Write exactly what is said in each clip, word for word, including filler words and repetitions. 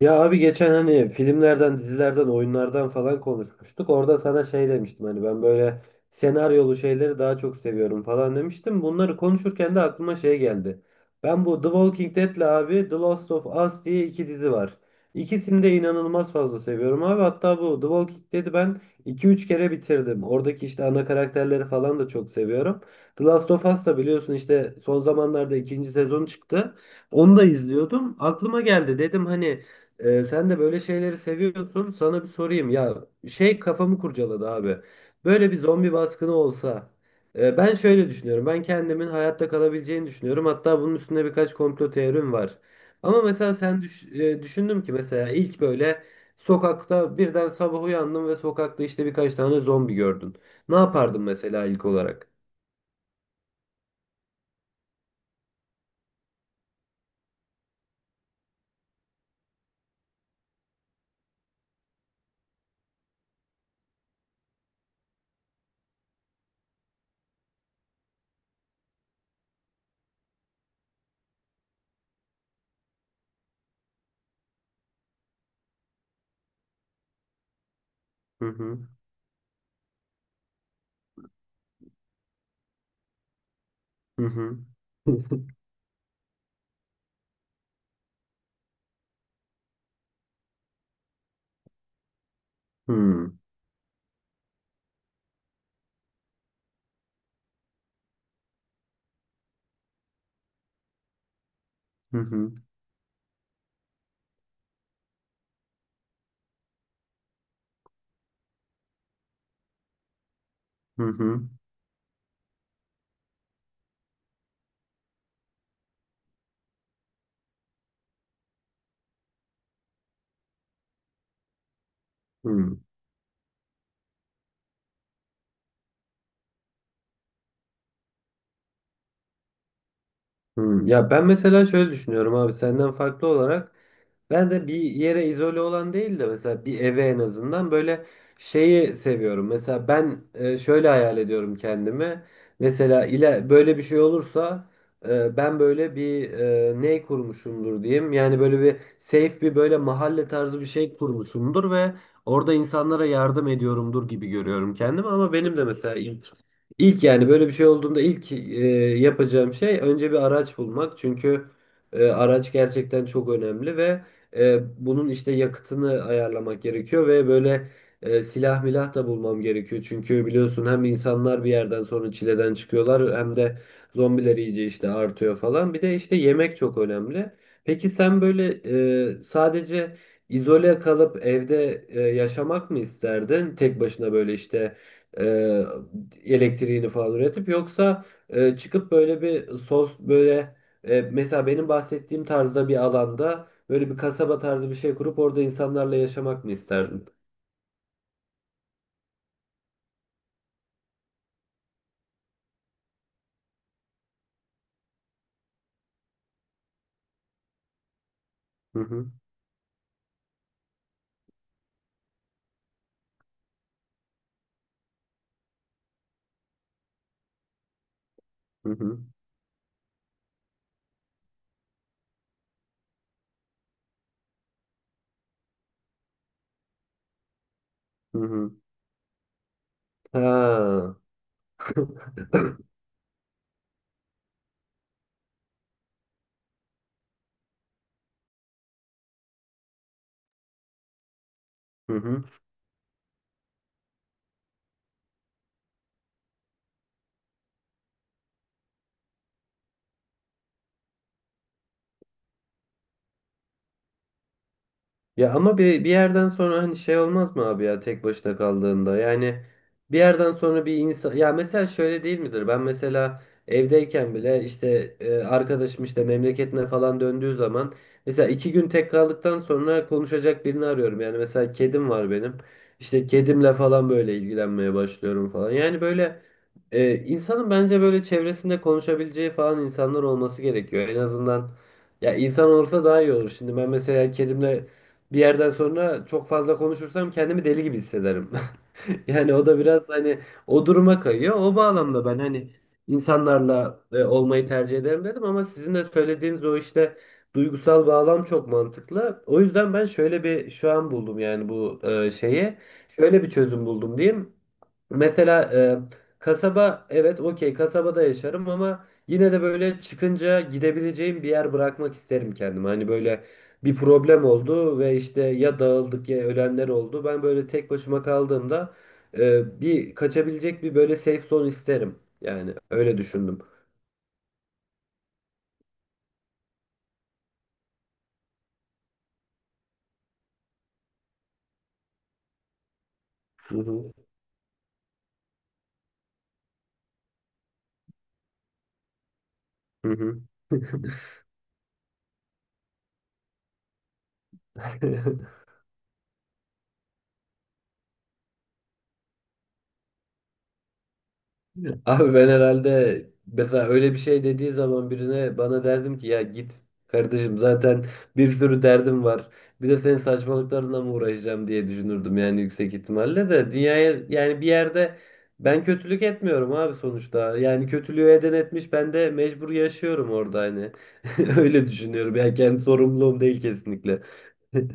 Ya abi geçen hani filmlerden, dizilerden, oyunlardan falan konuşmuştuk. Orada sana şey demiştim hani ben böyle senaryolu şeyleri daha çok seviyorum falan demiştim. Bunları konuşurken de aklıma şey geldi. Ben bu The Walking Dead'le abi The Last of Us diye iki dizi var. İkisini de inanılmaz fazla seviyorum abi. Hatta bu The Walking Dead'i ben iki üç kere bitirdim. Oradaki işte ana karakterleri falan da çok seviyorum. The Last of Us da biliyorsun işte son zamanlarda ikinci sezon çıktı. Onu da izliyordum. Aklıma geldi dedim hani ee, sen de böyle şeyleri seviyorsun. Sana bir sorayım. Ya şey kafamı kurcaladı abi. Böyle bir zombi baskını olsa. E, ben şöyle düşünüyorum. Ben kendimin hayatta kalabileceğini düşünüyorum. Hatta bunun üstünde birkaç komplo teorim var. Ama mesela sen düş- e, düşündüm ki mesela ilk böyle sokakta birden sabah uyandın ve sokakta işte birkaç tane zombi gördün. Ne yapardın mesela ilk olarak? Hı hı. Hı hı. Hı hı. Hı hı. Hı hı. Hı. Hmm. Ya ben mesela şöyle düşünüyorum abi senden farklı olarak. Ben de bir yere izole olan değil de mesela bir eve en azından böyle şeyi seviyorum. Mesela ben e, şöyle hayal ediyorum kendimi. Mesela ile böyle bir şey olursa e, ben böyle bir e, ne kurmuşumdur diyeyim. Yani böyle bir safe bir böyle mahalle tarzı bir şey kurmuşumdur ve orada insanlara yardım ediyorumdur gibi görüyorum kendimi. Ama benim de mesela ilk ilk yani böyle bir şey olduğunda ilk e, yapacağım şey önce bir araç bulmak. Çünkü e, araç gerçekten çok önemli ve e, bunun işte yakıtını ayarlamak gerekiyor ve böyle e, silah milah da bulmam gerekiyor. Çünkü biliyorsun hem insanlar bir yerden sonra çileden çıkıyorlar hem de zombiler iyice işte artıyor falan. Bir de işte yemek çok önemli. Peki sen böyle e, sadece izole kalıp evde e, yaşamak mı isterdin? Tek başına böyle işte e, elektriğini falan üretip yoksa e, çıkıp böyle bir sos böyle e, mesela benim bahsettiğim tarzda bir alanda böyle bir kasaba tarzı bir şey kurup orada insanlarla yaşamak mı isterdin? Hı hı. Hı hı. Hı hı. Ha. Hı hı. Ya ama bir, bir yerden sonra hani şey olmaz mı abi ya tek başına kaldığında? Yani bir yerden sonra bir insan ya mesela şöyle değil midir? Ben mesela evdeyken bile işte e, arkadaşım işte memleketine falan döndüğü zaman mesela iki gün tek kaldıktan sonra konuşacak birini arıyorum. Yani mesela kedim var benim. İşte kedimle falan böyle ilgilenmeye başlıyorum falan. Yani böyle e, insanın bence böyle çevresinde konuşabileceği falan insanlar olması gerekiyor. En azından ya insan olursa daha iyi olur. Şimdi ben mesela kedimle bir yerden sonra çok fazla konuşursam kendimi deli gibi hissederim. Yani o da biraz hani o duruma kayıyor. O bağlamda ben hani insanlarla e, olmayı tercih ederim dedim ama sizin de söylediğiniz o işte duygusal bağlam çok mantıklı. O yüzden ben şöyle bir şu an buldum yani bu e, şeyi. Şöyle bir çözüm buldum diyeyim. Mesela e, kasaba evet okey kasabada yaşarım ama yine de böyle çıkınca gidebileceğim bir yer bırakmak isterim kendime. Hani böyle bir problem oldu ve işte ya dağıldık ya ölenler oldu. Ben böyle tek başıma kaldığımda e, bir kaçabilecek bir böyle safe zone isterim. Yani öyle düşündüm. Hı hı. Hı hı. Abi ben herhalde mesela öyle bir şey dediği zaman birine bana derdim ki ya git kardeşim zaten bir sürü derdim var. Bir de senin saçmalıklarınla mı uğraşacağım diye düşünürdüm yani yüksek ihtimalle de dünyaya yani bir yerde ben kötülük etmiyorum abi sonuçta. Yani kötülüğü eden etmiş ben de mecbur yaşıyorum orada hani. Öyle düşünüyorum yani kendi sorumluluğum değil kesinlikle.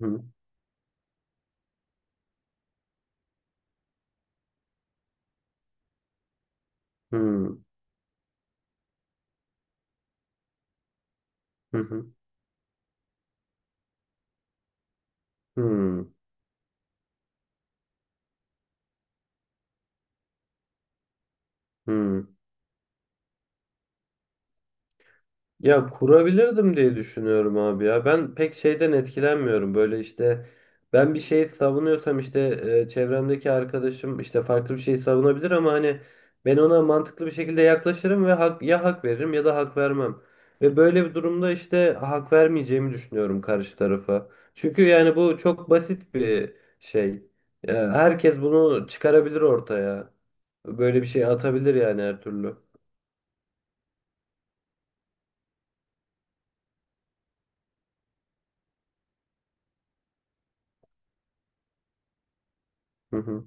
Hı hı, hı hı, hı hı. Ya kurabilirdim diye düşünüyorum abi ya. Ben pek şeyden etkilenmiyorum. Böyle işte ben bir şey savunuyorsam işte e, çevremdeki arkadaşım işte farklı bir şey savunabilir ama hani ben ona mantıklı bir şekilde yaklaşırım ve hak, ya hak veririm ya da hak vermem. Ve böyle bir durumda işte hak vermeyeceğimi düşünüyorum karşı tarafa. Çünkü yani bu çok basit bir şey. Ya herkes bunu çıkarabilir ortaya. Böyle bir şey atabilir yani her türlü. Hı hı.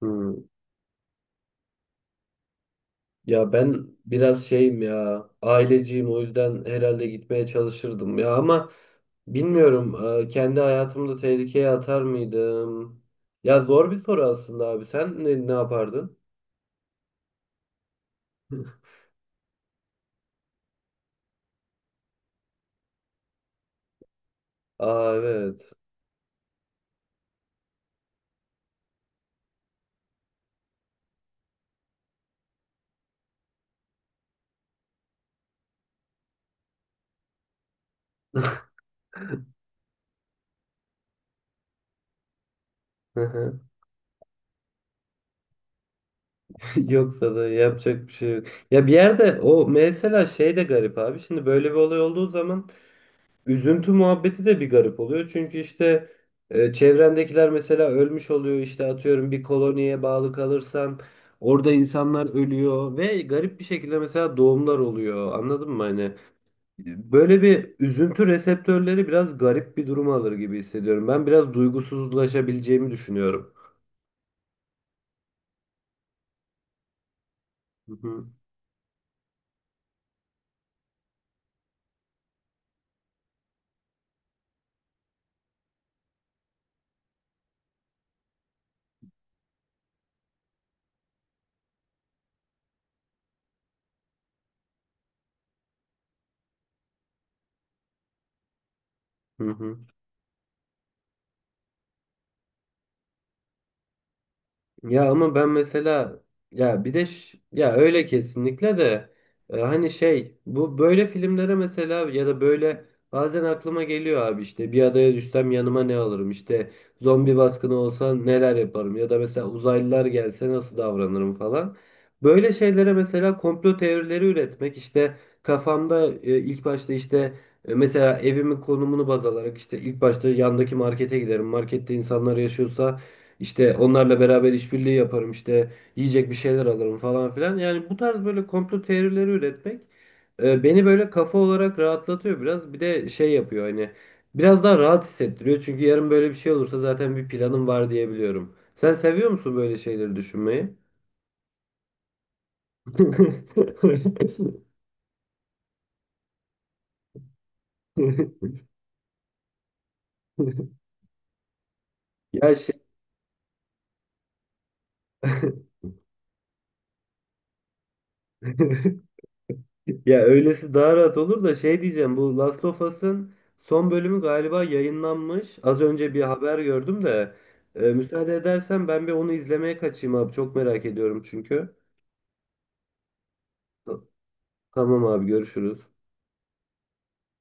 Hı. Ya ben biraz şeyim ya aileciyim o yüzden herhalde gitmeye çalışırdım ya ama bilmiyorum e, kendi hayatımda tehlikeye atar mıydım? Ya zor bir soru aslında abi sen ne, ne yapardın? Aa evet. Yoksa da yapacak bir şey yok. Ya bir yerde o mesela şey de garip abi. Şimdi böyle bir olay olduğu zaman üzüntü muhabbeti de bir garip oluyor. Çünkü işte e, çevrendekiler mesela ölmüş oluyor. İşte atıyorum bir koloniye bağlı kalırsan orada insanlar ölüyor ve garip bir şekilde mesela doğumlar oluyor. Anladın mı? Hani e, böyle bir üzüntü reseptörleri biraz garip bir durum alır gibi hissediyorum. Ben biraz duygusuzlaşabileceğimi düşünüyorum. Hı hı. Hı hı. Ya ama ben mesela ya bir de ş- ya öyle kesinlikle de e, hani şey bu böyle filmlere mesela ya da böyle bazen aklıma geliyor abi işte bir adaya düşsem yanıma ne alırım işte zombi baskını olsa neler yaparım ya da mesela uzaylılar gelse nasıl davranırım falan. Böyle şeylere mesela komplo teorileri üretmek işte kafamda e, ilk başta işte e, mesela evimin konumunu baz alarak işte ilk başta yandaki markete giderim. Markette insanlar yaşıyorsa işte onlarla beraber işbirliği yaparım işte yiyecek bir şeyler alırım falan filan. Yani bu tarz böyle komplo teorileri üretmek e, beni böyle kafa olarak rahatlatıyor biraz. Bir de şey yapıyor hani biraz daha rahat hissettiriyor. Çünkü yarın böyle bir şey olursa zaten bir planım var diyebiliyorum. Sen seviyor musun böyle şeyleri düşünmeyi? Ya şey. Ya öylesi daha rahat olur da şey diyeceğim bu Last of Us'ın son bölümü galiba yayınlanmış. Az önce bir haber gördüm de e, müsaade edersen ben bir onu izlemeye kaçayım abi çok merak ediyorum çünkü. Tamam abi görüşürüz.